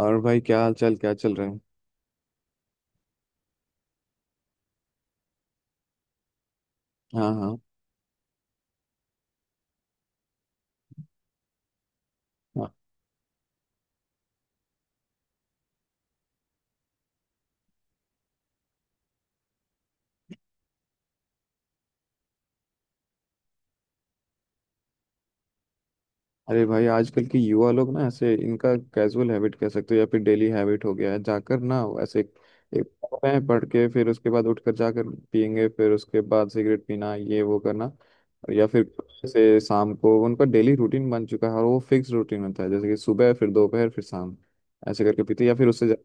और भाई क्या हाल चाल क्या चल रहे हैं। हाँ हाँ हाँ। अरे भाई आजकल के युवा लोग ना ऐसे इनका कैजुअल हैबिट कह सकते हो या फिर डेली हैबिट हो गया है, जाकर ना ऐसे एक पढ़ते हैं, पढ़ के फिर उसके बाद उठकर जाकर पियेंगे, फिर उसके बाद सिगरेट पीना ये वो करना। और या फिर ऐसे शाम को उनका डेली रूटीन बन चुका है और वो फिक्स रूटीन होता है, जैसे कि सुबह फिर दोपहर फिर शाम, ऐसे करके पीते हैं, या फिर उससे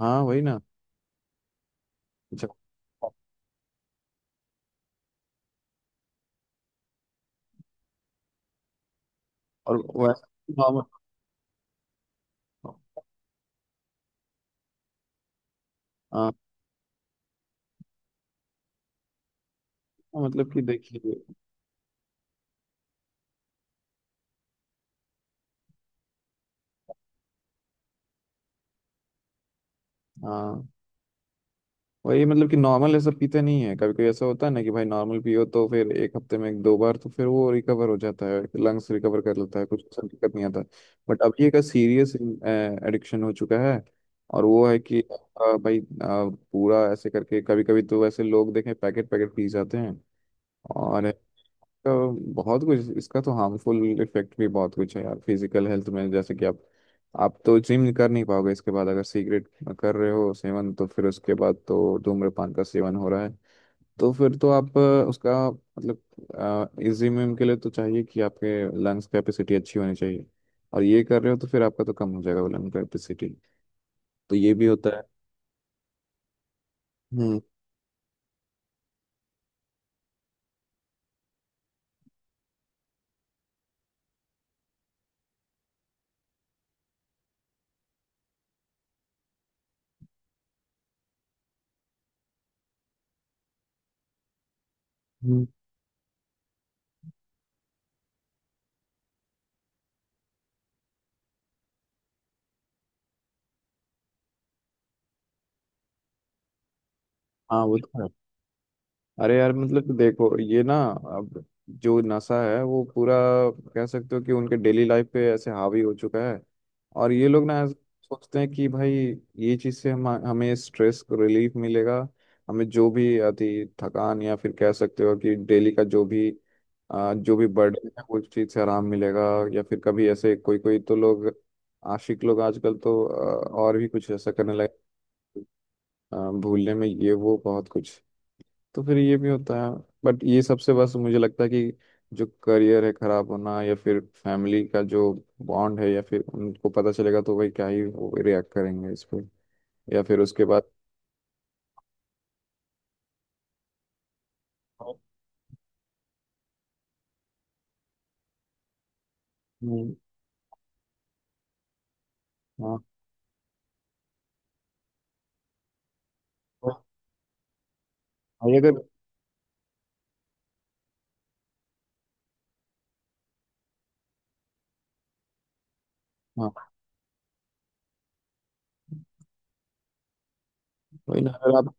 हाँ वही ना। अच्छा, और वैसे हाँ, हाँ, मतलब कि देखिए। हाँ वही मतलब कि नॉर्मल ऐसा पीते नहीं है, कभी कभी ऐसा होता है ना कि भाई नॉर्मल पियो तो फिर एक हफ्ते में एक दो बार तो फिर वो रिकवर हो जाता है, लंग्स रिकवर कर लेता है, कुछ ऐसा दिक्कत नहीं आता। बट अब ये का सीरियस एडिक्शन हो चुका है। और वो है कि भाई पूरा ऐसे करके कभी कभी तो ऐसे लोग देखें पैकेट पैकेट पी जाते हैं। और तो बहुत कुछ इसका तो हार्मफुल इफेक्ट भी बहुत कुछ है यार, फिजिकल हेल्थ में जैसे कि आप तो जिम कर नहीं पाओगे इसके बाद। अगर सिगरेट कर रहे हो सेवन तो फिर उसके बाद तो धूम्रपान का सेवन हो रहा है, तो फिर तो आप उसका मतलब जिम के लिए तो चाहिए कि आपके लंग्स कैपेसिटी अच्छी होनी चाहिए और ये कर रहे हो तो फिर आपका तो कम हो जाएगा वो लंग कैपेसिटी, तो ये भी होता है। हम्म। हम्म। हाँ वो तो है। अरे यार मतलब देखो ये ना, अब जो नशा है वो पूरा, कह सकते हो कि उनके डेली लाइफ पे ऐसे हावी हो चुका है। और ये लोग ना सोचते हैं कि भाई ये चीज से हम हमें स्ट्रेस को रिलीफ मिलेगा, हमें जो भी अति थकान या फिर कह सकते हो कि डेली का जो भी जो भी बर्डन है उस चीज से आराम मिलेगा। या फिर कभी ऐसे कोई कोई तो लोग, आशिक लोग आजकल तो और भी कुछ ऐसा करने लगे, भूलने में ये वो बहुत कुछ, तो फिर ये भी होता है। बट ये सबसे बस मुझे लगता है कि जो करियर है खराब होना या फिर फैमिली का जो बॉन्ड है, या फिर उनको पता चलेगा तो भाई क्या ही वो रिएक्ट करेंगे इस पे, या फिर उसके बाद। हम्म, हाँ। भाई अगर, हाँ वही ना अगर आप,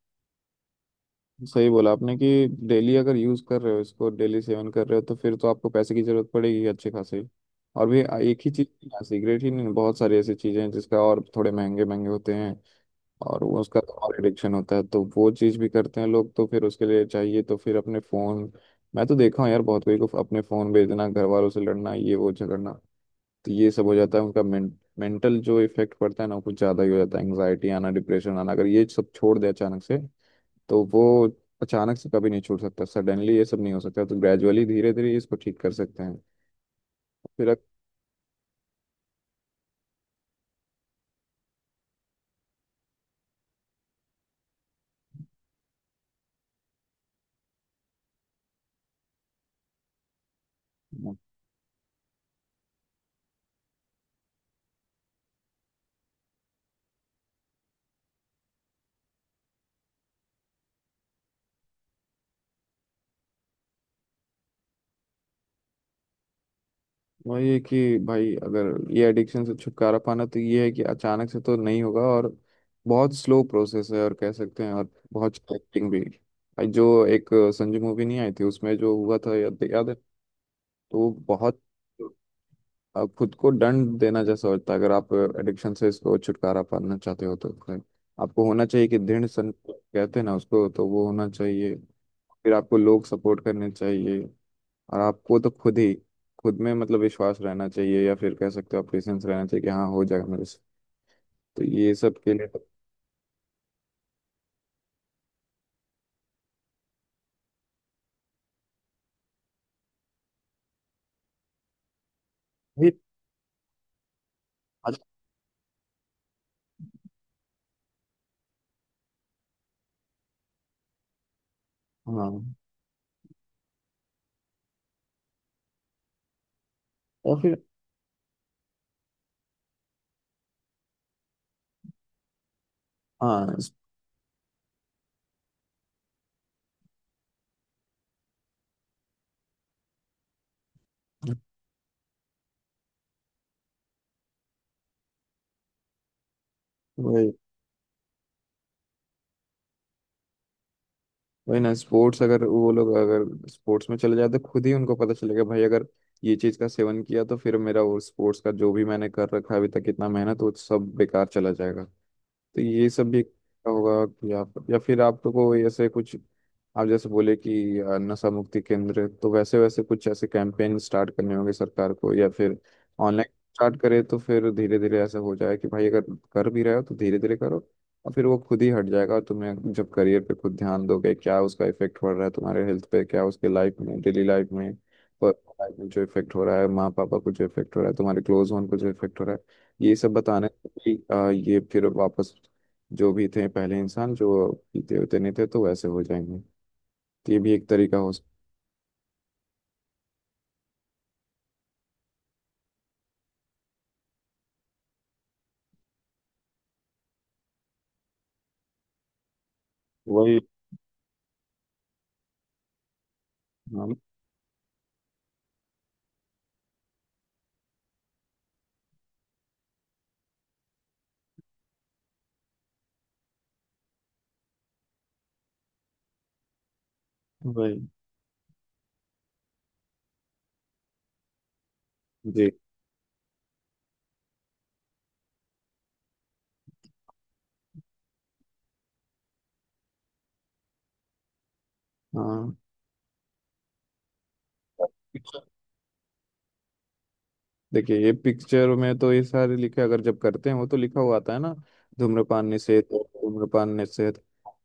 सही बोला आपने कि डेली अगर यूज कर रहे हो इसको, डेली सेवन कर रहे हो तो फिर तो आपको पैसे की जरूरत पड़ेगी अच्छे खासे। और भी एक ही चीज, सिगरेट ही नहीं, बहुत सारी ऐसी चीजें हैं जिसका, और थोड़े महंगे महंगे होते हैं और वो उसका कमाल एडिक्शन होता है, तो वो चीज़ भी करते हैं लोग, तो फिर उसके लिए चाहिए, तो फिर अपने फ़ोन मैं तो देखा हूँ यार बहुत, कोई को अपने फ़ोन भेजना, घर वालों से लड़ना, ये वो झगड़ना, तो ये सब हो जाता है उनका मेंटल जो इफेक्ट पड़ता है ना वो कुछ ज़्यादा ही हो जाता है, एंग्जाइटी आना, डिप्रेशन आना अगर ये सब छोड़ दे अचानक से, तो वो अचानक से कभी नहीं छूट सकता, सडनली ये सब नहीं हो सकता, तो ग्रेजुअली धीरे धीरे इसको ठीक कर सकते हैं। फिर वही है कि भाई अगर ये एडिक्शन से छुटकारा पाना, तो ये है कि अचानक से तो नहीं होगा और बहुत स्लो प्रोसेस है, और कह सकते हैं और बहुत एक्टिंग भी भाई, जो एक संजू मूवी नहीं आई थी, उसमें जो हुआ था, याद याद है। तो वो बहुत खुद को दंड देना जैसा होता है अगर आप एडिक्शन से इसको छुटकारा पाना चाहते हो तो फिर आपको होना चाहिए कि दृढ़ संकल्प कहते हैं ना उसको, तो वो होना चाहिए। फिर आपको लोग सपोर्ट करने चाहिए, और आपको तो खुद ही खुद में मतलब विश्वास रहना चाहिए, या फिर कह सकते हो आप पेशेंस रहना चाहिए कि हाँ हो जाएगा मेरे से, तो ये सब के लिए तो, फिर अच्छा, हाँ और फिर हाँ वही। वही ना स्पोर्ट्स अगर, वो लोग अगर स्पोर्ट्स में चले जाते, खुद ही उनको पता चलेगा भाई अगर ये चीज़ का सेवन किया तो फिर मेरा वो स्पोर्ट्स का जो भी मैंने कर रखा है अभी तक इतना मेहनत वो सब बेकार चला जाएगा, तो ये सब भी होगा। या या फिर आपको ऐसे कुछ, आप जैसे बोले कि नशा मुक्ति केंद्र तो वैसे वैसे कुछ ऐसे कैंपेन स्टार्ट करने होंगे सरकार को, या फिर ऑनलाइन स्टार्ट करे तो फिर धीरे धीरे ऐसा हो जाए कि भाई अगर कर भी रहे हो तो धीरे धीरे करो, और फिर वो खुद ही हट जाएगा। और तुम्हें जब करियर पे खुद ध्यान दोगे क्या उसका इफेक्ट पड़ रहा है तुम्हारे हेल्थ पे, क्या उसके लाइफ में डेली लाइफ में पर्सनल लाइफ में जो इफेक्ट हो रहा है, माँ पापा को जो इफेक्ट हो रहा है, तुम्हारे क्लोज वन को जो इफेक्ट हो रहा है, ये सब बताने से भी, ये फिर वापस जो भी थे पहले इंसान जो पीते होते नहीं थे, तो वैसे हो जाएंगे, तो ये भी एक तरीका हो सकता। वही। हाँ। वही। जी। हाँ। देखिए, ये पिक्चर में तो ये सारे लिखे अगर जब करते हैं वो तो लिखा हुआ आता है ना, धूम्रपान निषेध, धूम्रपान निषेध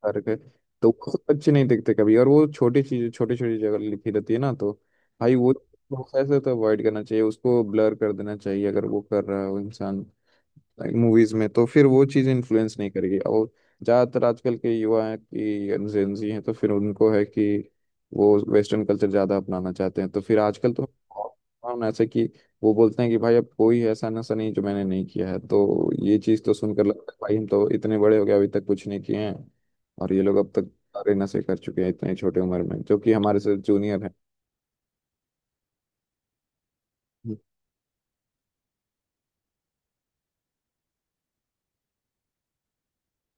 करके, तो वो सब अच्छे नहीं दिखते कभी और वो छोटी चीज छोटी छोटी जगह लिखी रहती है ना, तो भाई वो ऐसे तो अवॉइड करना चाहिए, उसको ब्लर कर देना चाहिए अगर वो कर रहा है वो इंसान लाइक मूवीज में, तो फिर वो चीज़ इन्फ्लुएंस नहीं करेगी। और ज़्यादातर आजकल के युवा हैं कि जेंजी हैं तो फिर उनको है कि वो वेस्टर्न कल्चर ज़्यादा अपनाना चाहते हैं, तो फिर आजकल तो हम ऐसे कि, वो बोलते हैं कि भाई अब कोई ऐसा नशा नहीं जो मैंने नहीं किया है, तो ये चीज़ तो सुनकर लगता है भाई, हम तो इतने बड़े हो गए अभी तक कुछ नहीं किए हैं और ये लोग अब तक सारे नशे कर चुके हैं इतनी छोटी उम्र में, जो कि हमारे से जूनियर है।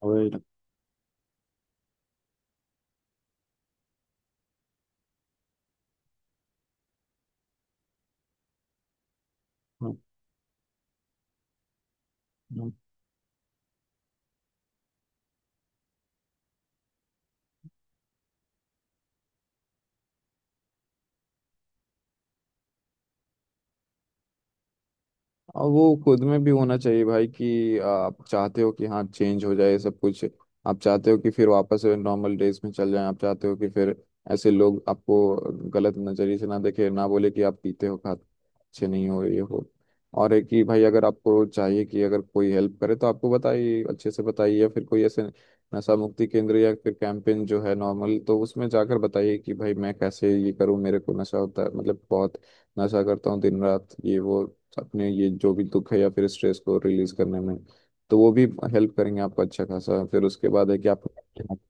वही लगता है। और वो खुद में भी होना चाहिए भाई कि आप चाहते हो कि हाँ चेंज हो जाए सब कुछ, आप चाहते हो कि फिर वापस नॉर्मल डेज में चल जाए, आप चाहते हो कि फिर ऐसे लोग आपको गलत नजरिए से ना देखे, ना बोले कि आप पीते हो खाते अच्छे नहीं हो ये हो। और है कि भाई अगर आपको चाहिए कि अगर कोई हेल्प करे तो आपको बताइए, अच्छे से बताइए, या फिर कोई ऐसे नशा मुक्ति केंद्र या फिर कैंपेन जो है नॉर्मल, तो उसमें जाकर बताइए कि भाई मैं कैसे ये करूँ, मेरे को नशा होता है मतलब बहुत नशा करता हूँ दिन रात ये वो, अपने ये जो भी दुख है या फिर स्ट्रेस को रिलीज करने में, तो वो भी हेल्प करेंगे आपको अच्छा खासा, फिर उसके बाद है कि आप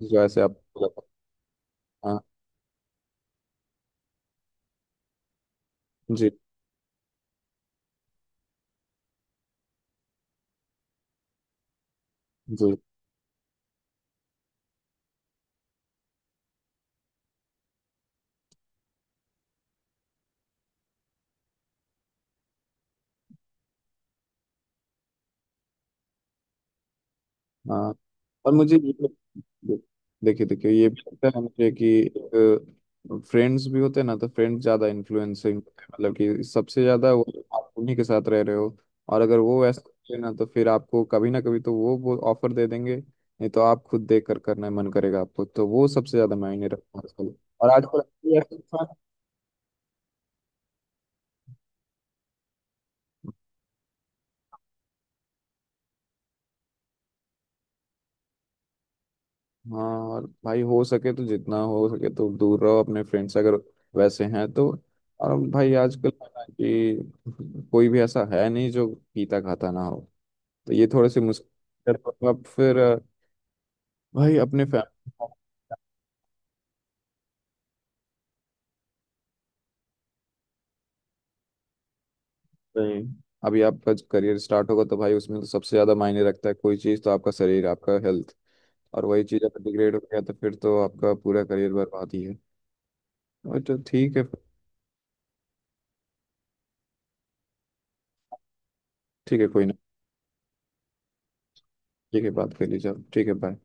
जो ऐसे आप, हाँ। जी। जी। हाँ। और मुझे ये दे- देखिए, देखिए ये भी लगता है मुझे कि फ्रेंड्स भी होते हैं ना तो फ्रेंड्स ज्यादा इन्फ्लुएंसिंग मतलब कि सबसे ज्यादा वो, आप उन्हीं के साथ रह रहे हो और अगर वो वैसे होते हैं ना तो फिर आपको कभी ना कभी तो वो ऑफर दे देंगे, नहीं तो आप खुद देख कर करना मन करेगा आपको, तो वो सबसे ज्यादा मायने रखता है आजकल। और आजकल, हाँ। और भाई हो सके तो जितना हो सके तो दूर रहो अपने फ्रेंड से अगर वैसे हैं तो। और भाई आजकल पता है ना कि कोई भी ऐसा है नहीं जो पीता खाता ना हो, तो ये थोड़े से मुश्किल है। तो अब फिर भाई अपने फैमिली, अभी आपका करियर स्टार्ट होगा तो भाई उसमें तो सबसे ज्यादा मायने रखता है कोई चीज़, तो आपका शरीर आपका हेल्थ, और वही चीज़ अगर डिग्रेड हो गया तो फिर तो आपका पूरा करियर बर्बाद ही है। और तो ठीक है, ठीक है कोई ना, ठीक है बात कर लीजिए आप, ठीक है, बाय।